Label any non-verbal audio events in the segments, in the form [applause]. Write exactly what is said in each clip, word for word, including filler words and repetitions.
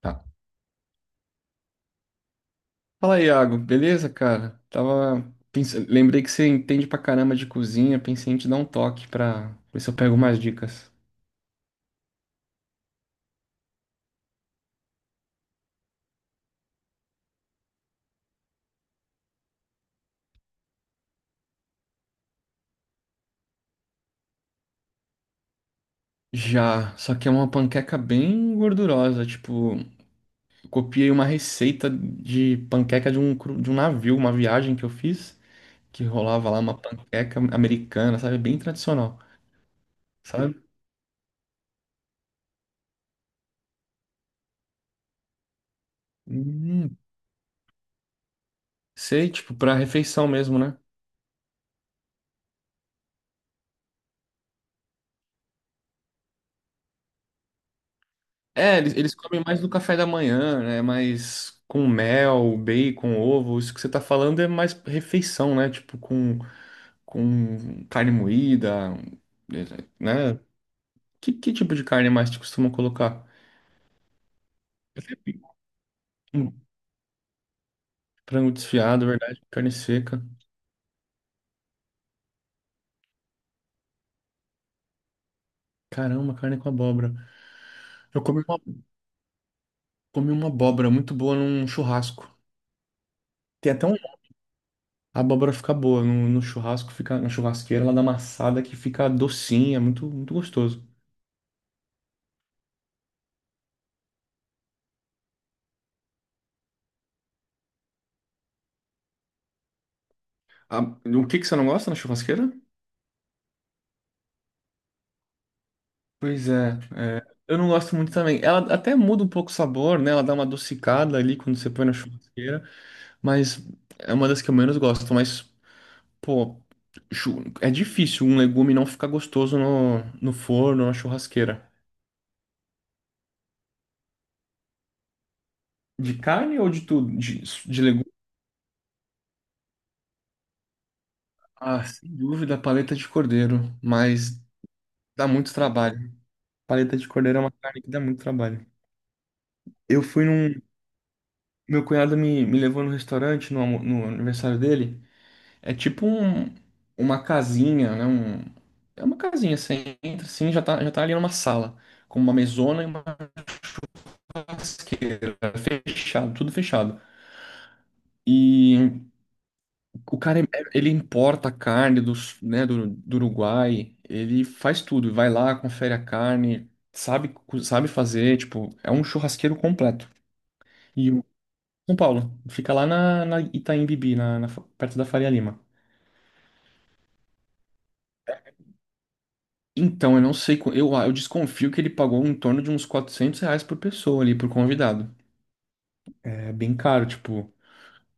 Tá. Fala aí, Iago, beleza, cara? Tava pensa- lembrei que você entende pra caramba de cozinha, pensei em te dar um toque pra ver se eu pego mais dicas. Já, só que é uma panqueca bem gordurosa, tipo, eu copiei uma receita de panqueca de um, cru- de um navio, uma viagem que eu fiz, que rolava lá uma panqueca americana, sabe? Bem tradicional, sabe? Hum, sei, tipo, pra refeição mesmo, né? É, eles, eles comem mais no café da manhã, né? Mais com mel, bacon, ovo. Isso que você tá falando é mais refeição, né? Tipo, com, com carne moída, é, né? Que, que tipo de carne mais te costuma colocar? Eu sempre- hum, Frango desfiado, verdade, carne seca. Caramba, carne com abóbora. Eu comi uma, comi uma abóbora muito boa num churrasco. Tem até um... A abóbora fica boa no, no churrasco, fica na churrasqueira, ela dá amassada que fica docinha, muito, muito gostoso. Ah, o que que você não gosta na churrasqueira? Pois é, é, eu não gosto muito também. Ela até muda um pouco o sabor, né? Ela dá uma adocicada ali quando você põe na churrasqueira, mas é uma das que eu menos gosto. Mas, pô, chu- é difícil um legume não ficar gostoso no, no forno, na churrasqueira. De carne ou de tudo? De, de legume? Ah, sem dúvida, paleta de cordeiro, mas dá muito trabalho. Paleta de cordeiro é uma carne que dá muito trabalho. Eu fui num. Meu cunhado me, me levou no restaurante no, almo- no aniversário dele. É tipo um, uma casinha, né? Um, é uma casinha, você entra assim, já tá, já tá ali numa sala, com uma mesona e uma churrasqueira, fechado, tudo fechado. E o cara, ele importa a carne dos, né, do, do Uruguai, ele faz tudo, vai lá, confere a carne, sabe, co- sabe fazer, tipo, é um churrasqueiro completo. E o São Paulo, fica lá na, na Itaim Bibi, na, na fa- perto da Faria Lima. Então, eu não sei, qu- eu, eu desconfio que ele pagou em torno de uns quatrocentos reais por pessoa ali, por convidado. É bem caro, tipo.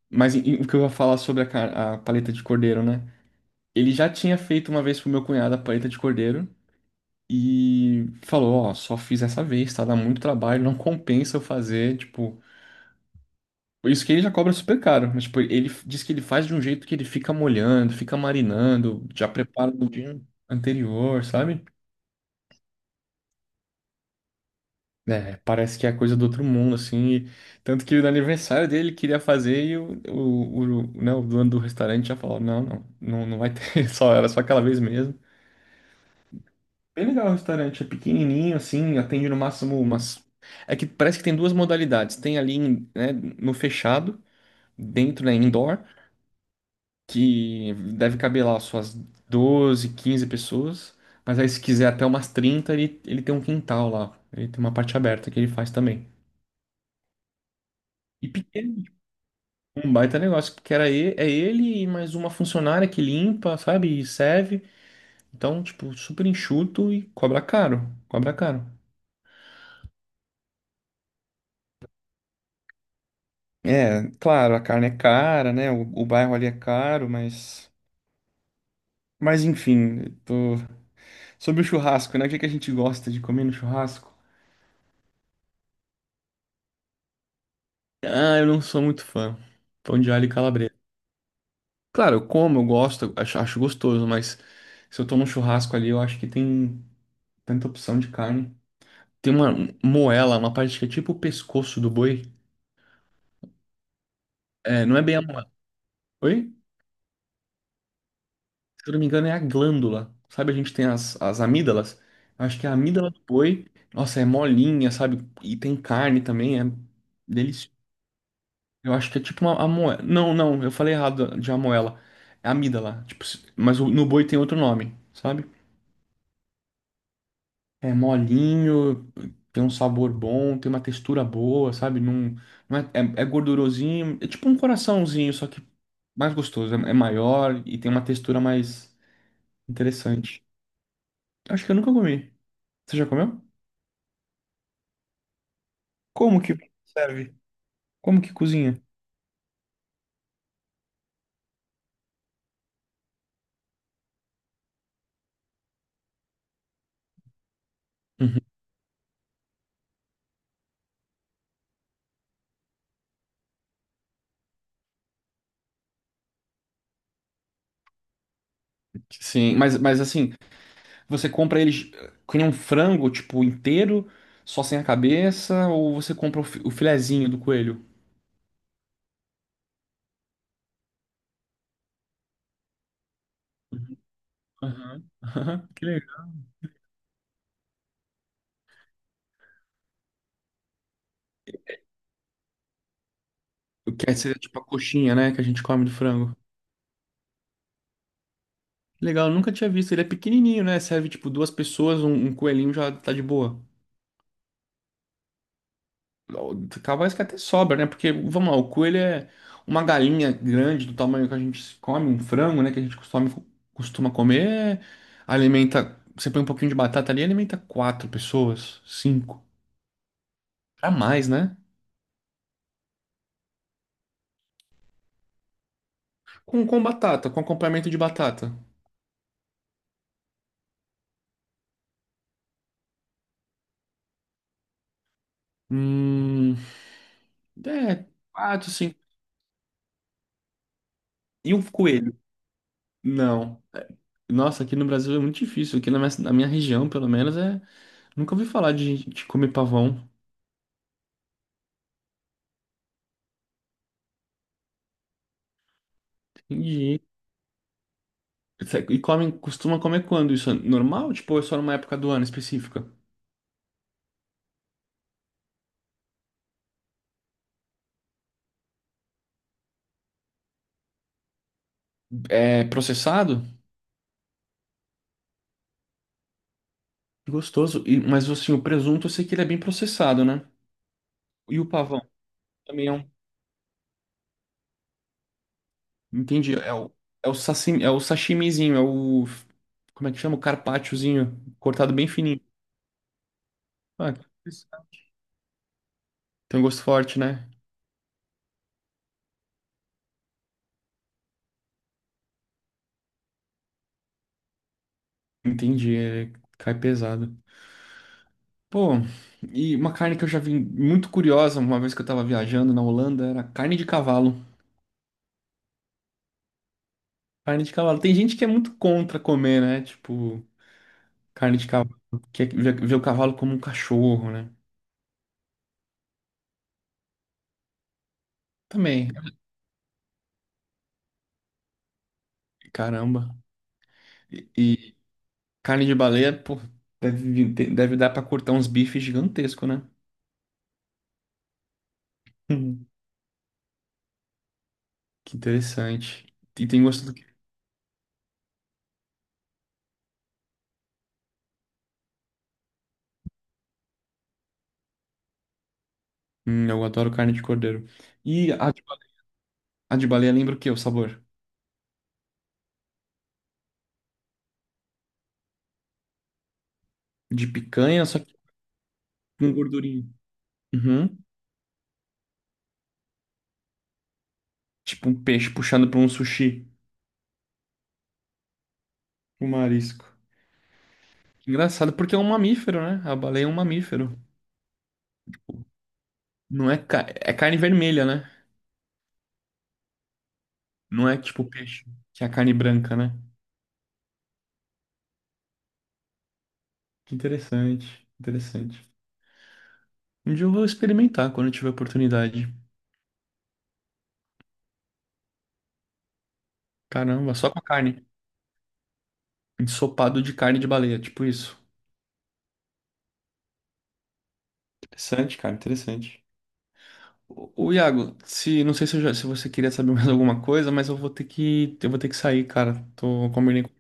Mas e- e o que eu ia falar sobre a, ca- a paleta de cordeiro, né? Ele já tinha feito uma vez pro meu cunhado a paleta de cordeiro e falou, ó, só fiz essa vez, tá? Dá muito trabalho, não compensa eu fazer, tipo. Isso que ele já cobra super caro, mas tipo, ele f- diz que ele faz de um jeito que ele fica molhando, fica marinando, já prepara no dia anterior, sabe? É, parece que é coisa do outro mundo, assim. e- tanto que no aniversário dele ele queria fazer e o, o, o, né, o dono do restaurante já falou: não, não, não, não vai ter, [laughs] só, era só aquela vez mesmo. Bem legal o restaurante, é pequenininho, assim, atende no máximo umas. É que parece que tem duas modalidades: tem ali, em- né, no fechado, dentro, né, indoor, que deve caber lá suas doze quinze pessoas, mas aí se quiser até umas trinta ele, ele tem um quintal lá, ele tem uma parte aberta que ele faz também. E pequeno. Um baita negócio, porque era ele, é ele e mais uma funcionária que limpa, sabe? E serve. Então, tipo, super enxuto e cobra caro. Cobra caro. É, claro, a carne é cara, né? O, o bairro ali é caro, mas. Mas enfim, eu tô... sobre o churrasco, né? O que que a gente gosta de comer no churrasco? Ah, eu não sou muito fã. Pão de alho e calabresa. Claro, eu como, eu gosto, eu acho, acho gostoso, mas se eu tô num churrasco ali, eu acho que tem tanta opção de carne. Tem uma moela, uma parte que é tipo o pescoço do boi. É, não é bem a moela. Oi? Se eu não me engano, é a glândula. Sabe, a gente tem as, as amígdalas. Eu acho que é a amígdala do boi, nossa, é molinha, sabe? E tem carne também, é delicioso. Eu acho que é tipo uma a moela. Não, não, eu falei errado de amoela. É amígdala. Tipo, se- mas o- no boi tem outro nome, sabe? É molinho, tem um sabor bom, tem uma textura boa, sabe? Não, não é, é, é gordurosinho, é tipo um coraçãozinho, só que mais gostoso, é, é maior e tem uma textura mais interessante. Acho que eu nunca comi. Você já comeu? Como que serve? Como que cozinha? Uhum. Sim, mas, mas assim, você compra ele com um frango, tipo, inteiro, só sem a cabeça, ou você compra o, fi- o filezinho do coelho? Aham, [laughs] aham, que legal. O que é, seria tipo a coxinha, né, que a gente come do frango. Legal, nunca tinha visto. Ele é pequenininho, né? Serve tipo duas pessoas, um, um coelhinho já tá de boa. Capaz que até sobra, né? Porque, vamos lá, o coelho é uma galinha grande do tamanho que a gente come, um frango, né? Que a gente costuma, costuma comer. Alimenta. Você põe um pouquinho de batata ali, alimenta quatro pessoas, cinco. Pra mais, né? Com, com batata, com acompanhamento de batata. Hum. É, quatro, cinco. E um coelho? Não. Nossa, aqui no Brasil é muito difícil. Aqui na minha, na minha região, pelo menos, é. Nunca ouvi falar de gente que come pavão. Entendi. é- E come, costuma comer quando? Isso é normal? Tipo, ou é só numa época do ano específica? É processado? Gostoso. E, mas assim, o presunto eu sei que ele é bem processado, né? E o pavão também é um. Entendi. É o, é o sashimi, é o sashimizinho, é o. Como é que chama? O carpacciozinho, cortado bem fininho. Ah, que interessante. Tem um gosto forte, né? Entendi. é- cai pesado. Pô, e uma carne que eu já vi muito curiosa uma vez que eu tava viajando na Holanda era carne de cavalo. Carne de cavalo. Tem gente que é muito contra comer, né? Tipo, carne de cavalo. Que vê ver o cavalo como um cachorro, né? Também. Caramba. E, e carne de baleia, pô, deve, vir- deve dar pra cortar uns bifes gigantescos, né? Hum, que interessante. E tem gosto do quê? Hum, eu adoro carne de cordeiro. E a de, a de baleia lembra o quê? O sabor? De picanha, só que com gordurinha. Uhum. Tipo um peixe puxando pra um sushi, um marisco. Engraçado porque é um mamífero, né? A baleia é um mamífero. Não é, ca- é carne vermelha, né? Não é tipo peixe, que é a carne branca, né? Que interessante, interessante. Um dia eu vou experimentar quando eu tiver oportunidade. Caramba, só com a carne. Ensopado de carne de baleia, tipo isso. Interessante, cara, interessante. O Iago, se não sei se, eu já- se você queria saber [laughs] mais alguma coisa, mas eu vou ter que eu vou ter que sair, cara. Tô combinando.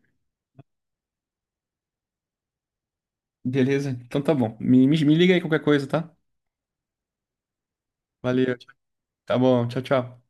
Beleza? Então tá bom. Me, me, me liga aí qualquer coisa, tá? Valeu. Tá bom. Tchau, tchau.